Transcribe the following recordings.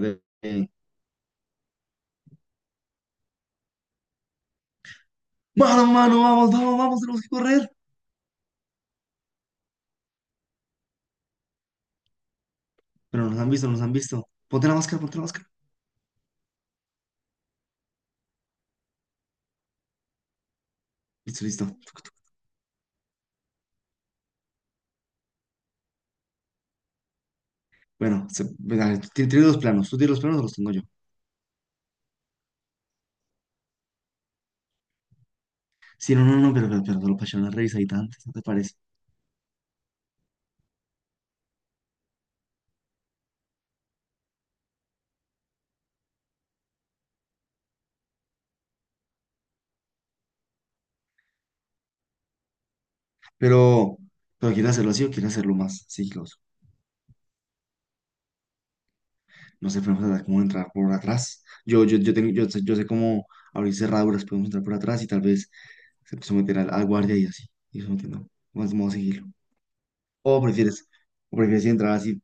de, eh, Mano, mano, vamos, vamos, vamos, tenemos que correr. Pero nos han visto, nos han visto. Ponte la máscara, ponte la máscara. Listo, listo. Tuc, tuc. Bueno, venga, tiene dos planos. Tú tienes los planos o los tengo yo. Sí, no, no, no, pero solo para echar una revisadita antes, ¿no te parece? Pero, pero ¿quieres hacerlo así o quieres hacerlo más siglos? No sé, podemos tratar como de entrar por atrás. Tengo, yo sé cómo abrir cerraduras, podemos entrar por atrás y tal vez someter al guardia y así. Y sometiendo. Vamos, vamos a seguirlo. O prefieres, o prefieres entrar así.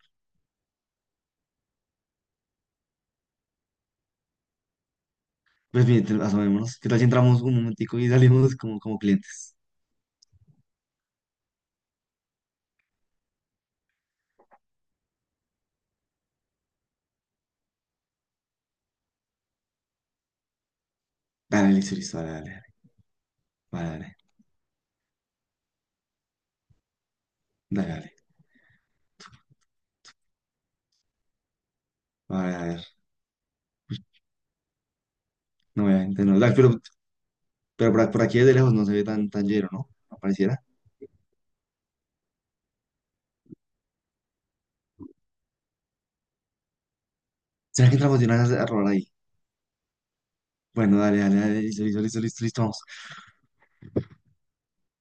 Pues bien, asomémonos. ¿Qué tal si entramos un momentico y salimos como, como clientes? Dale, listo, listo, dale, dale, dale, dale, dale, dale. Vale, a ver, no, obviamente no. Dale, pero por aquí de lejos no se ve tan, tan lleno, ¿no? Apareciera. ¿Será que entramos de una vez a robar ahí? Bueno, dale, dale, dale, listo, listo, listo, listo, listo, vamos.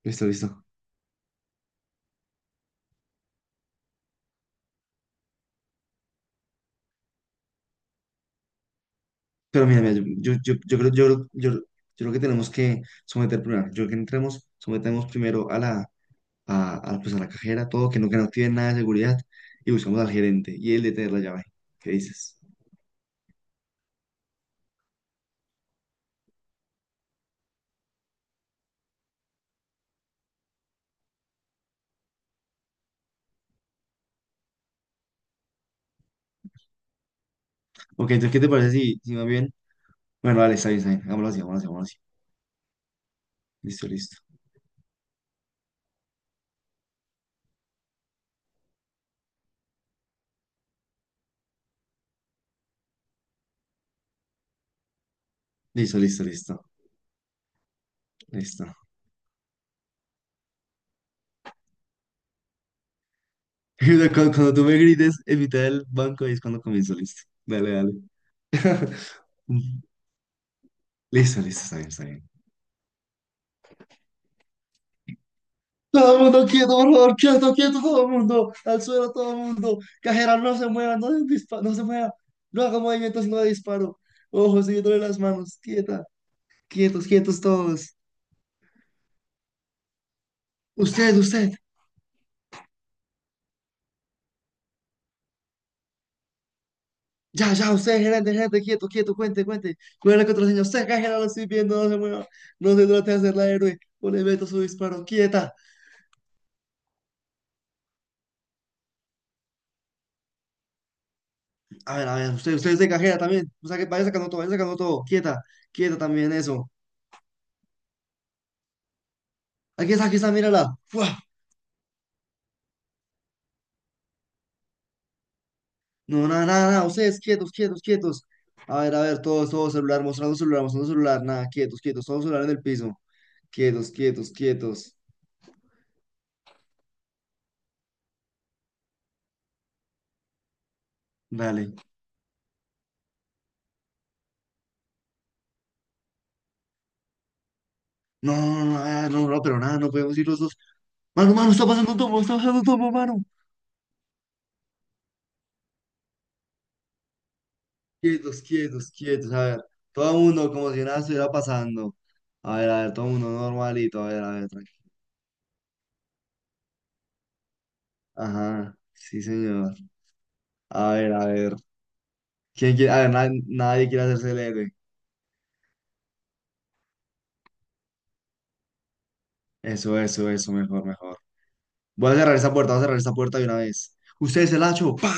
Listo, listo. Pero mira, mira, yo creo que tenemos que someter primero. Yo creo que entremos, sometemos primero a la, pues a la cajera, todo, que no activen nada de seguridad, y buscamos al gerente y él de tener la llave. ¿Qué dices? Ok, entonces, ¿qué te parece si, más bien? Bueno, dale, está bien, está bien. Hagámoslo así, hagámoslo así, hagámoslo así. Listo, listo. Listo, listo, listo. Listo. Cuando tú me grites en mitad del banco, ahí es cuando comienzo, listo. Dale, dale. Mm. Listo, listo, está bien, está bien. Todo el mundo quieto, por favor, quieto, quieto, todo el mundo. Al suelo, todo el mundo. Cajera, no se mueva, no, no se mueva. No haga movimientos, no de disparo. Ojos siguiéndole las manos. Quieta, quietos, quietos todos. Usted, usted. Ya, ya, usted, gerente, gerente, quieto, quieto, cuente, cuente. ¿Cuál es la contraseña? Usted, acá, gerente, lo estoy viendo, no se mueva. No se trate de hacerla héroe. O le meto su disparo, quieta. A ver, usted, usted es de cajera también. O sea, que vaya sacando todo, vaya sacando todo. Quieta, quieta también eso. Aquí está, mírala. ¡Fua! No, nada, nada, nada. Ustedes, quietos, quietos, quietos. A ver, todos, todos, celular, mostrando celular, mostrando celular. Nada, quietos, quietos, todos celular en el piso. Quietos, quietos, quietos. Dale. No, no, no, ah, no, no, pero nada, no podemos ir los dos. Mano, mano, está pasando un tomo, está pasando un tomo, mano. Quietos, quietos, quietos. A ver, todo el mundo como si nada estuviera pasando. A ver, todo el mundo normalito. A ver, tranquilo. Ajá, sí, señor. A ver, a ver. ¿Quién quiere? A ver, nadie quiere hacerse el héroe. Eso, mejor, mejor. Voy a cerrar esta puerta, voy a cerrar esta puerta de una vez. Usted es el hacho, ¡pa!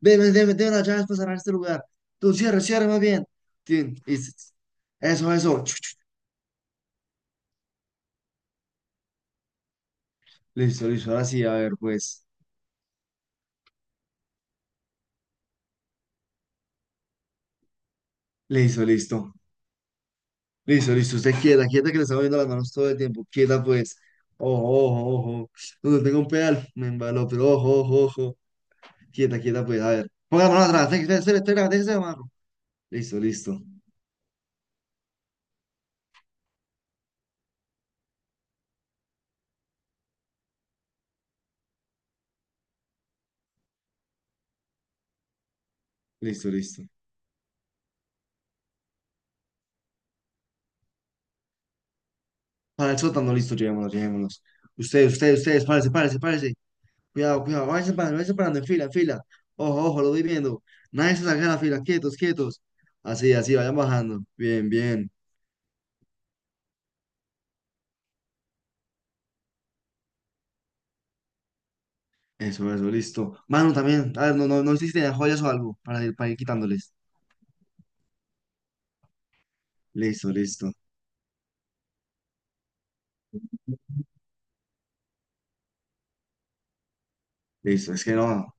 Deme, deme, deme las llaves para cerrar este lugar. Tú cierre, cierre más bien. Tin. Eso, eso. Chu, chu. Listo, listo, ahora sí, a ver, pues. Listo, listo. Listo, listo. Usted quieta, quieta que le estamos viendo las manos todo el tiempo. Quieta, pues. Ojo, ojo, ojo. Donde tengo un pedal, me embaló, pero ojo, ojo, ojo. Quieta, quieta, pues. A ver. Ponga la mano atrás. Déjese, déjese, déjese, déjese de amarro. Listo, listo. Listo, listo. Para el sótano, listo. Llevémonos, llevémonos. Ustedes, ustedes, ustedes. Párese, párese, párese. Cuidado, cuidado. Váyanse parando en fila, en fila. Ojo, ojo, lo voy viendo. Nadie se salga de la fila. Quietos, quietos. Así, así, vayan bajando. Bien, bien. Eso, listo. Mano, también. Ah, no, no, no hiciste de joyas o algo para ir quitándoles. Listo, listo, listo. Es que no.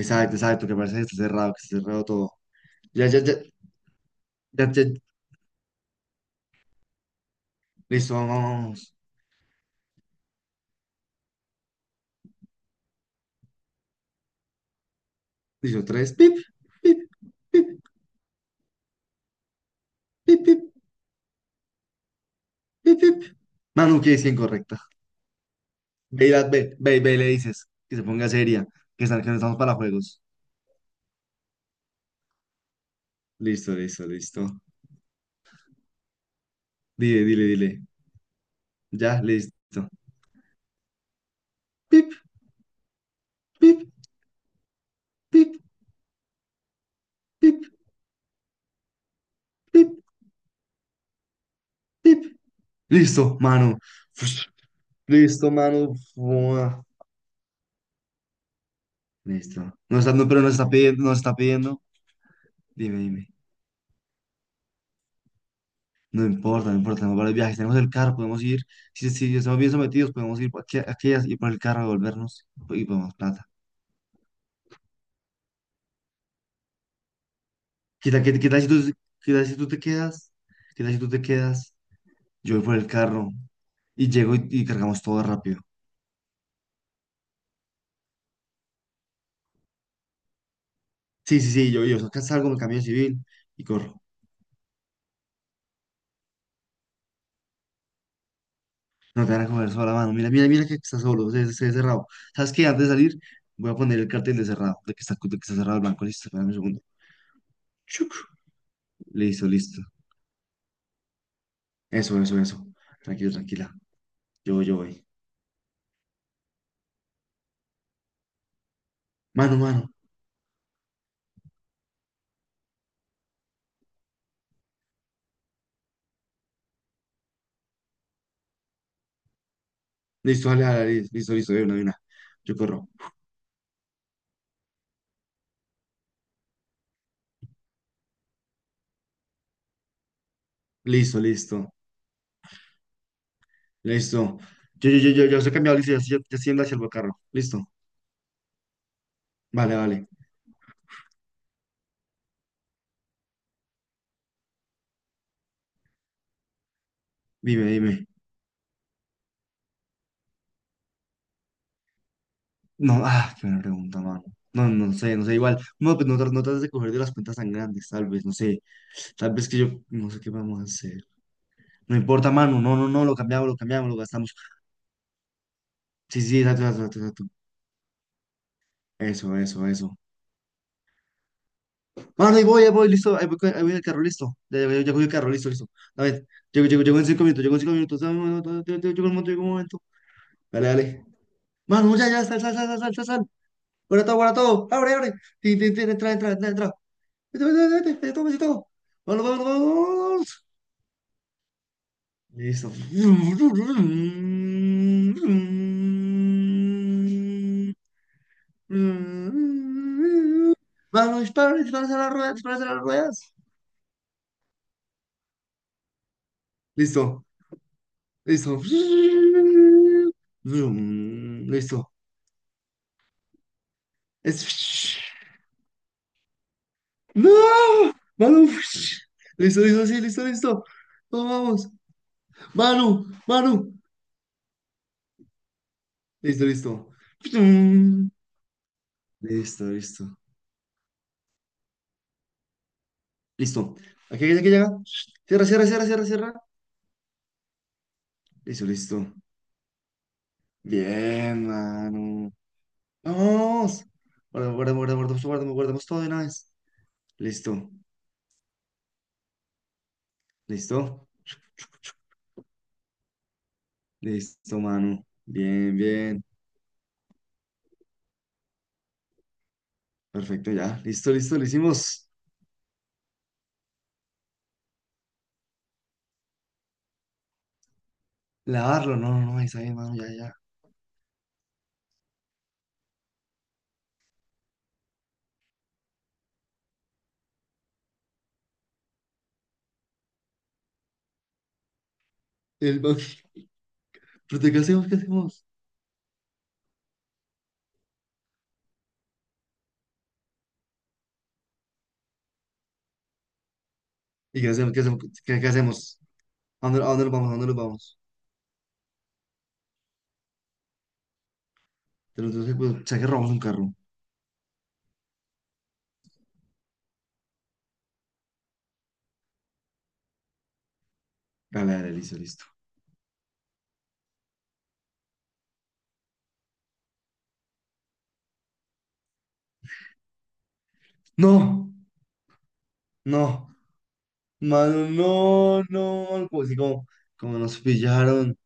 Exacto, exacto, que parece que está cerrado todo. Ya, ya, ya, ya, ya. Listo, vamos, vamos, vamos. Listo, tres. Pip, pip, pip, pip, pip, pip, pip. Manu, que es incorrecta. Ve, ve, ve, ve, y le dices que se ponga seria, que no estamos para juegos. Listo, listo, listo. Dile, dile, dile. Ya, listo. Pip, pip, pip, pip, pip, pip. Listo, mano. Listo, mano. Buah. Listo. No está, no, pero nos está pidiendo, nos está pidiendo. Dime, dime. No importa, no importa. Tenemos varios viajes. Tenemos el carro, podemos ir. Si estamos bien sometidos, podemos ir por aquí, aquellas y por el carro, devolvernos y podemos plata. ¿Qué tal, qué tal si tú te quedas? ¿Qué tal si tú te quedas? Yo voy por el carro y llego y cargamos todo rápido. Sí, sí, sí. Yo acá salgo, me cambio de civil y corro. No te van a comer sola la mano. Mira, mira, mira que está solo, se ve cerrado. ¿Sabes qué? Antes de salir, voy a poner el cartel de cerrado, de que está cerrado el banco. Listo, espérame un segundo. Chuc. Listo, listo. Eso, eso, eso. Tranquilo, tranquila. Yo voy. Mano, mano. Listo, dale, dale, listo, listo, de una, de una. Yo corro. Listo, listo, listo. Yo se he cambiado, listo, ya, ya, ya estoy en hacia el carro. Listo. Vale, vale. Dime, dime. No, ah, qué buena pregunta, mano. No, no sé, no sé, igual. No, pues no, no trates de coger de las cuentas tan grandes, tal vez, no sé. Tal vez que yo no sé qué vamos a hacer. No importa, mano. No, no, no. Lo cambiamos, lo cambiamos, lo gastamos. Sí, sí, exacto, exacto, exacto, exacto. Eso, eso, eso. Mano, ahí voy, listo. Ahí voy, ahí voy en el carro, listo. Ya, ya, ya, ya cogí el carro, listo, listo. A ver, llego, llego, llego en 5 minutos, llego en 5 minutos. Dame un momento, llego llego en un momento, llego en un momento. Dale, dale. Mano, ya, ya, sal, sal, sal, sal, sal, sal, sal. Guarda todo, guarda todo. Abre, abre. Tin, tin, tin, entra, entra, entra, entra. Vete, vete, vete, vete, vete, toma, sí, todo. Vámonos, vámonos, vámonos. Listo. Mm, Vamos, dispara, dispara a las ruedas, dispara a las ruedas. Listo, listo. Vroom. Listo. Es. ¡No! ¡Manu! Listo, listo, sí, listo, listo. Vamos, vamos. ¡Manu! ¡Manu! Listo, listo. Listo, listo. Listo. Aquí, aquí, aquí llega. Cierra, cierra, cierra, cierra, cierra. Listo, listo. Bien, Manu. Vamos. Guardamos, guardamos, guardamos, guardamos, guardamos todo de una vez. Listo, listo, listo, mano. Bien, bien. Perfecto, ya. Listo, listo, lo hicimos. Lavarlo, no, no, no, está bien, mano, ya, ya. El ba- ¿Pero de qué hacemos? ¿Qué hacemos? ¿Y qué hacemos? ¿Qué hacemos? ¿Qué hacemos? A dónde nos vamos? ¿A dónde nos vamos? Tenemos que, pues, o sea, que robamos un carro. Dale, dale, listo, listo. ¡No! ¡No! Mano, no, no, como si como, nos pillaron.